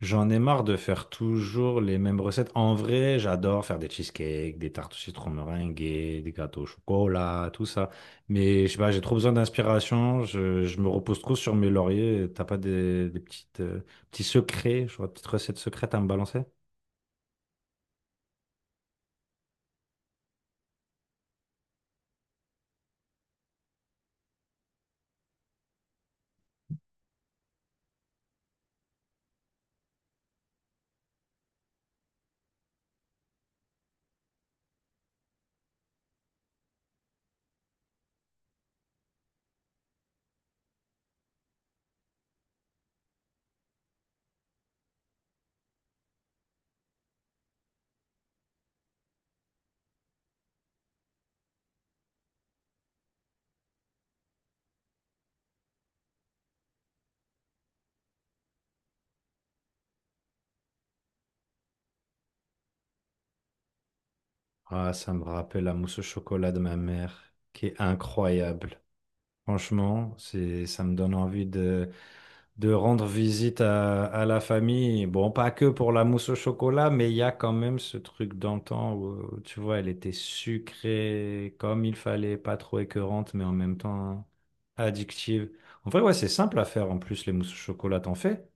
J'en ai marre de faire toujours les mêmes recettes. En vrai, j'adore faire des cheesecakes, des tartes au citron meringuées, des gâteaux au chocolat, tout ça. Mais je sais pas, j'ai trop besoin d'inspiration. Je me repose trop sur mes lauriers. T'as pas des petites, petits secrets, je vois, petites recettes secrètes à me balancer? Ah, ça me rappelle la mousse au chocolat de ma mère, qui est incroyable. Franchement, c'est, ça me donne envie de. De rendre visite à la famille. Bon, pas que pour la mousse au chocolat, mais il y a quand même ce truc d'antan où, tu vois, elle était sucrée comme il fallait, pas trop écœurante, mais en même temps addictive. En vrai, ouais, c'est simple à faire en plus, les mousses au chocolat, t'en fais?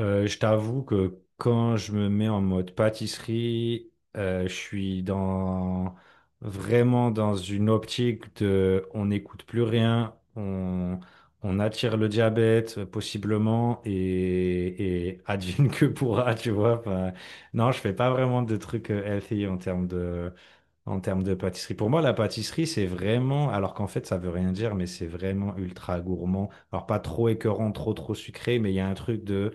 Je t'avoue que quand je me mets en mode pâtisserie, je suis dans vraiment dans une optique de on n'écoute plus rien, on attire le diabète possiblement et advienne que pourra, tu vois. Enfin, non, je fais pas vraiment de trucs healthy en termes de pâtisserie. Pour moi, la pâtisserie, c'est vraiment, alors qu'en fait, ça veut rien dire, mais c'est vraiment ultra gourmand. Alors pas trop écœurant, trop sucré, mais il y a un truc de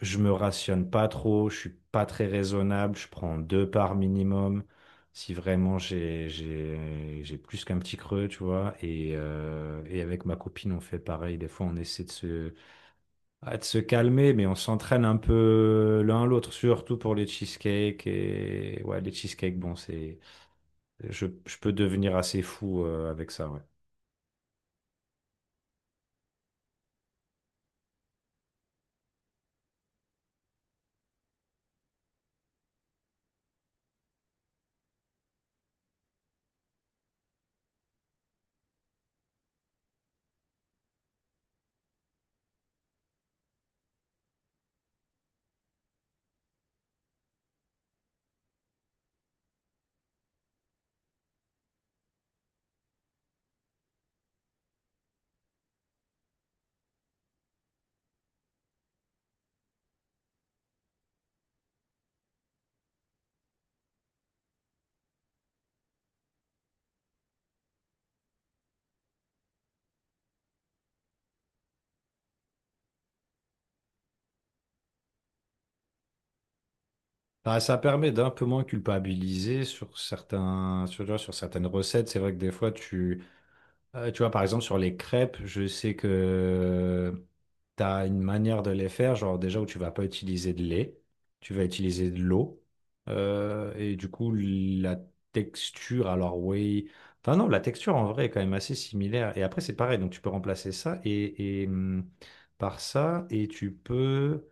je me rationne pas trop, je suis pas très raisonnable, je prends deux parts minimum si vraiment j'ai plus qu'un petit creux, tu vois. Et avec ma copine, on fait pareil. Des fois, on essaie de se, ah, de se calmer, mais on s'entraîne un peu l'un l'autre, surtout pour les cheesecakes. Et ouais, les cheesecakes, bon, c'est je peux devenir assez fou avec ça, ouais. Ah, ça permet d'un peu moins culpabiliser sur certains, sur, tu vois, sur certaines recettes. C'est vrai que des fois, tu tu vois, par exemple, sur les crêpes, je sais que tu as une manière de les faire, genre déjà où tu vas pas utiliser de lait, tu vas utiliser de l'eau. Et du coup, la texture, alors oui. Enfin, non, la texture en vrai est quand même assez similaire. Et après, c'est pareil, donc tu peux remplacer ça et par ça, et tu peux.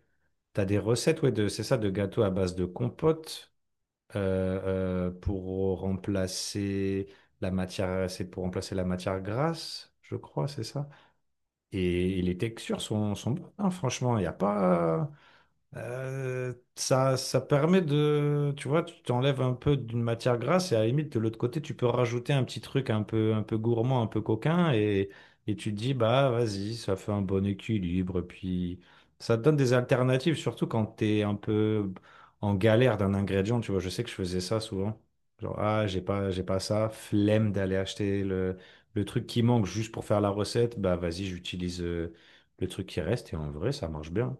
T'as des recettes, ouais, de, c'est ça, de gâteaux à base de compote pour remplacer la matière, c'est pour remplacer la matière grasse, je crois, c'est ça. Et, les textures sont, sont bonnes, hein, franchement, il n'y a pas. Ça, ça permet de, tu vois, tu t'enlèves un peu d'une matière grasse et à la limite de l'autre côté, tu peux rajouter un petit truc un peu gourmand, un peu coquin et tu te dis, bah vas-y, ça fait un bon équilibre. Puis ça te donne des alternatives, surtout quand t'es un peu en galère d'un ingrédient, tu vois. Je sais que je faisais ça souvent. Genre, ah, j'ai pas ça, flemme d'aller acheter le truc qui manque juste pour faire la recette, bah vas-y, j'utilise le truc qui reste et en vrai, ça marche bien.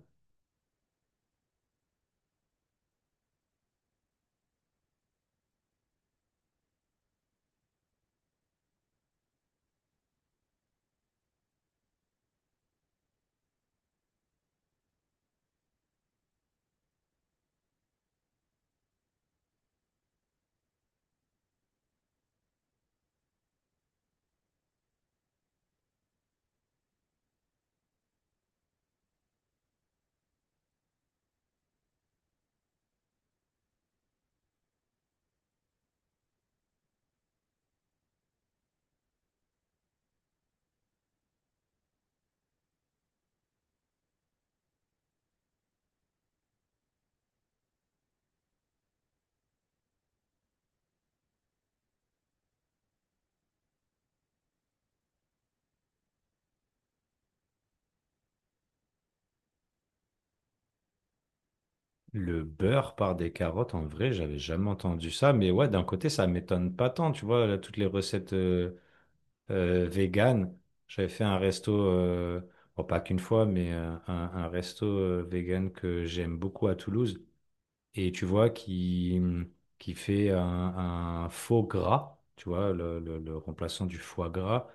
Le beurre par des carottes, en vrai, j'avais jamais entendu ça, mais ouais, d'un côté, ça m'étonne pas tant, tu vois, là, toutes les recettes véganes. J'avais fait un resto, bon, pas qu'une fois, mais un resto vegan que j'aime beaucoup à Toulouse et tu vois qui fait un faux gras, tu vois, le remplaçant du foie gras,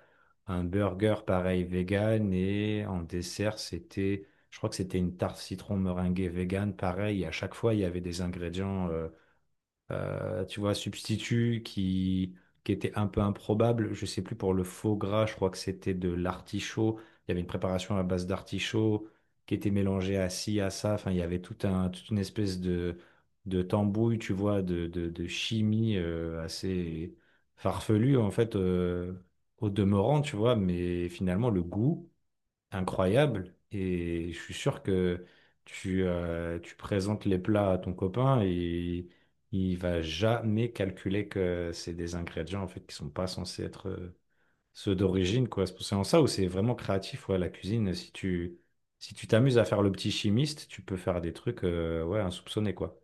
un burger pareil vegan et en dessert c'était, je crois que c'était une tarte citron meringuée vegan pareil. Et à chaque fois il y avait des ingrédients tu vois, substitut qui était un peu improbable. Je sais plus pour le faux gras, je crois que c'était de l'artichaut. Il y avait une préparation à base d'artichaut qui était mélangée à ci, à ça. Enfin, il y avait tout un, toute une espèce de tambouille, tu vois, de chimie assez farfelue, en fait, au demeurant, tu vois. Mais finalement, le goût incroyable et je suis sûr que tu, tu présentes les plats à ton copain et il va jamais calculer que c'est des ingrédients en fait qui sont pas censés être ceux d'origine quoi. C'est pour c'est en ça où c'est vraiment créatif ouais, la cuisine. Si tu si tu t'amuses à faire le petit chimiste, tu peux faire des trucs ouais insoupçonnés quoi.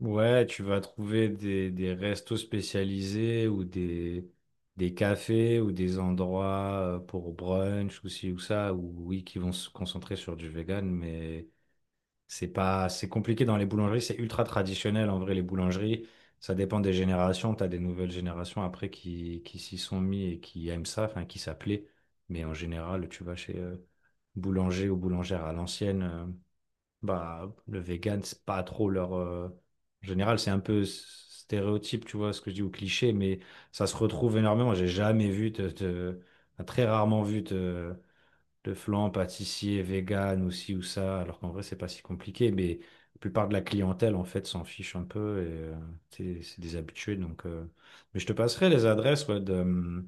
Ouais, tu vas trouver des restos spécialisés ou des cafés ou des endroits pour brunch ou ci ou ça, ou oui, qui vont se concentrer sur du vegan, mais c'est pas, c'est compliqué dans les boulangeries, c'est ultra traditionnel en vrai, les boulangeries. Ça dépend des générations, tu as des nouvelles générations après qui s'y sont mis et qui aiment ça, enfin qui s'appelaient. Mais en général, tu vas chez boulanger ou boulangère à l'ancienne. Bah, le vegan, c'est pas trop leur. En général, c'est un peu stéréotype, tu vois, ce que je dis, ou cliché, mais ça se retrouve énormément. J'ai jamais vu, de- enfin, très rarement vu de flan pâtissier vegan ou ci ou ça, alors qu'en vrai, c'est pas si compliqué, mais la plupart de la clientèle, en fait, s'en fiche un peu et c'est des habitués, donc. Mais je te passerai les adresses ouais, de,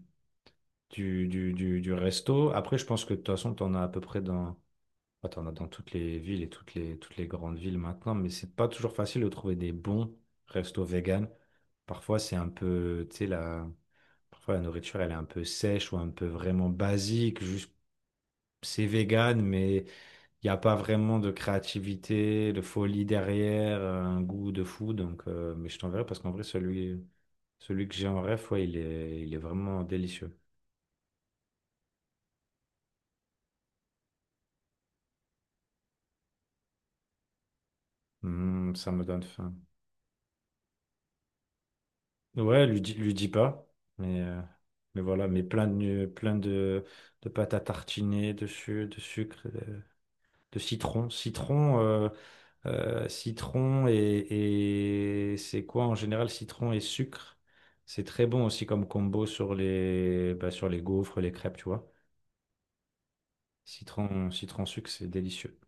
du resto. Après, je pense que de toute façon, t'en as à peu près dans bah, t'en as dans toutes les villes et toutes les grandes villes maintenant, mais c'est pas toujours facile de trouver des bons restos vegan. Parfois, c'est un peu, tu sais, la... Parfois, la nourriture, elle est un peu sèche ou un peu vraiment basique. Juste, c'est vegan, mais il n'y a pas vraiment de créativité, de folie derrière, un goût de fou. Donc, mais je t'enverrai parce qu'en vrai, celui, celui que j'ai en rêve, ouais, il est vraiment délicieux. Mm, ça me donne faim. Ouais, lui dis pas. Mais, euh, mais voilà, mais plein de pâte à tartiner, de, su- de sucre, de citron. Citron, citron et c'est quoi en général, citron et sucre? C'est très bon aussi comme combo sur les, bah, sur les gaufres, les crêpes, tu vois. Citron, citron sucre, c'est délicieux.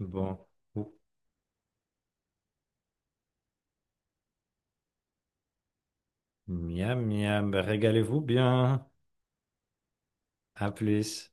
Bon, ouh. Miam, miam, bah, régalez-vous bien. À plus.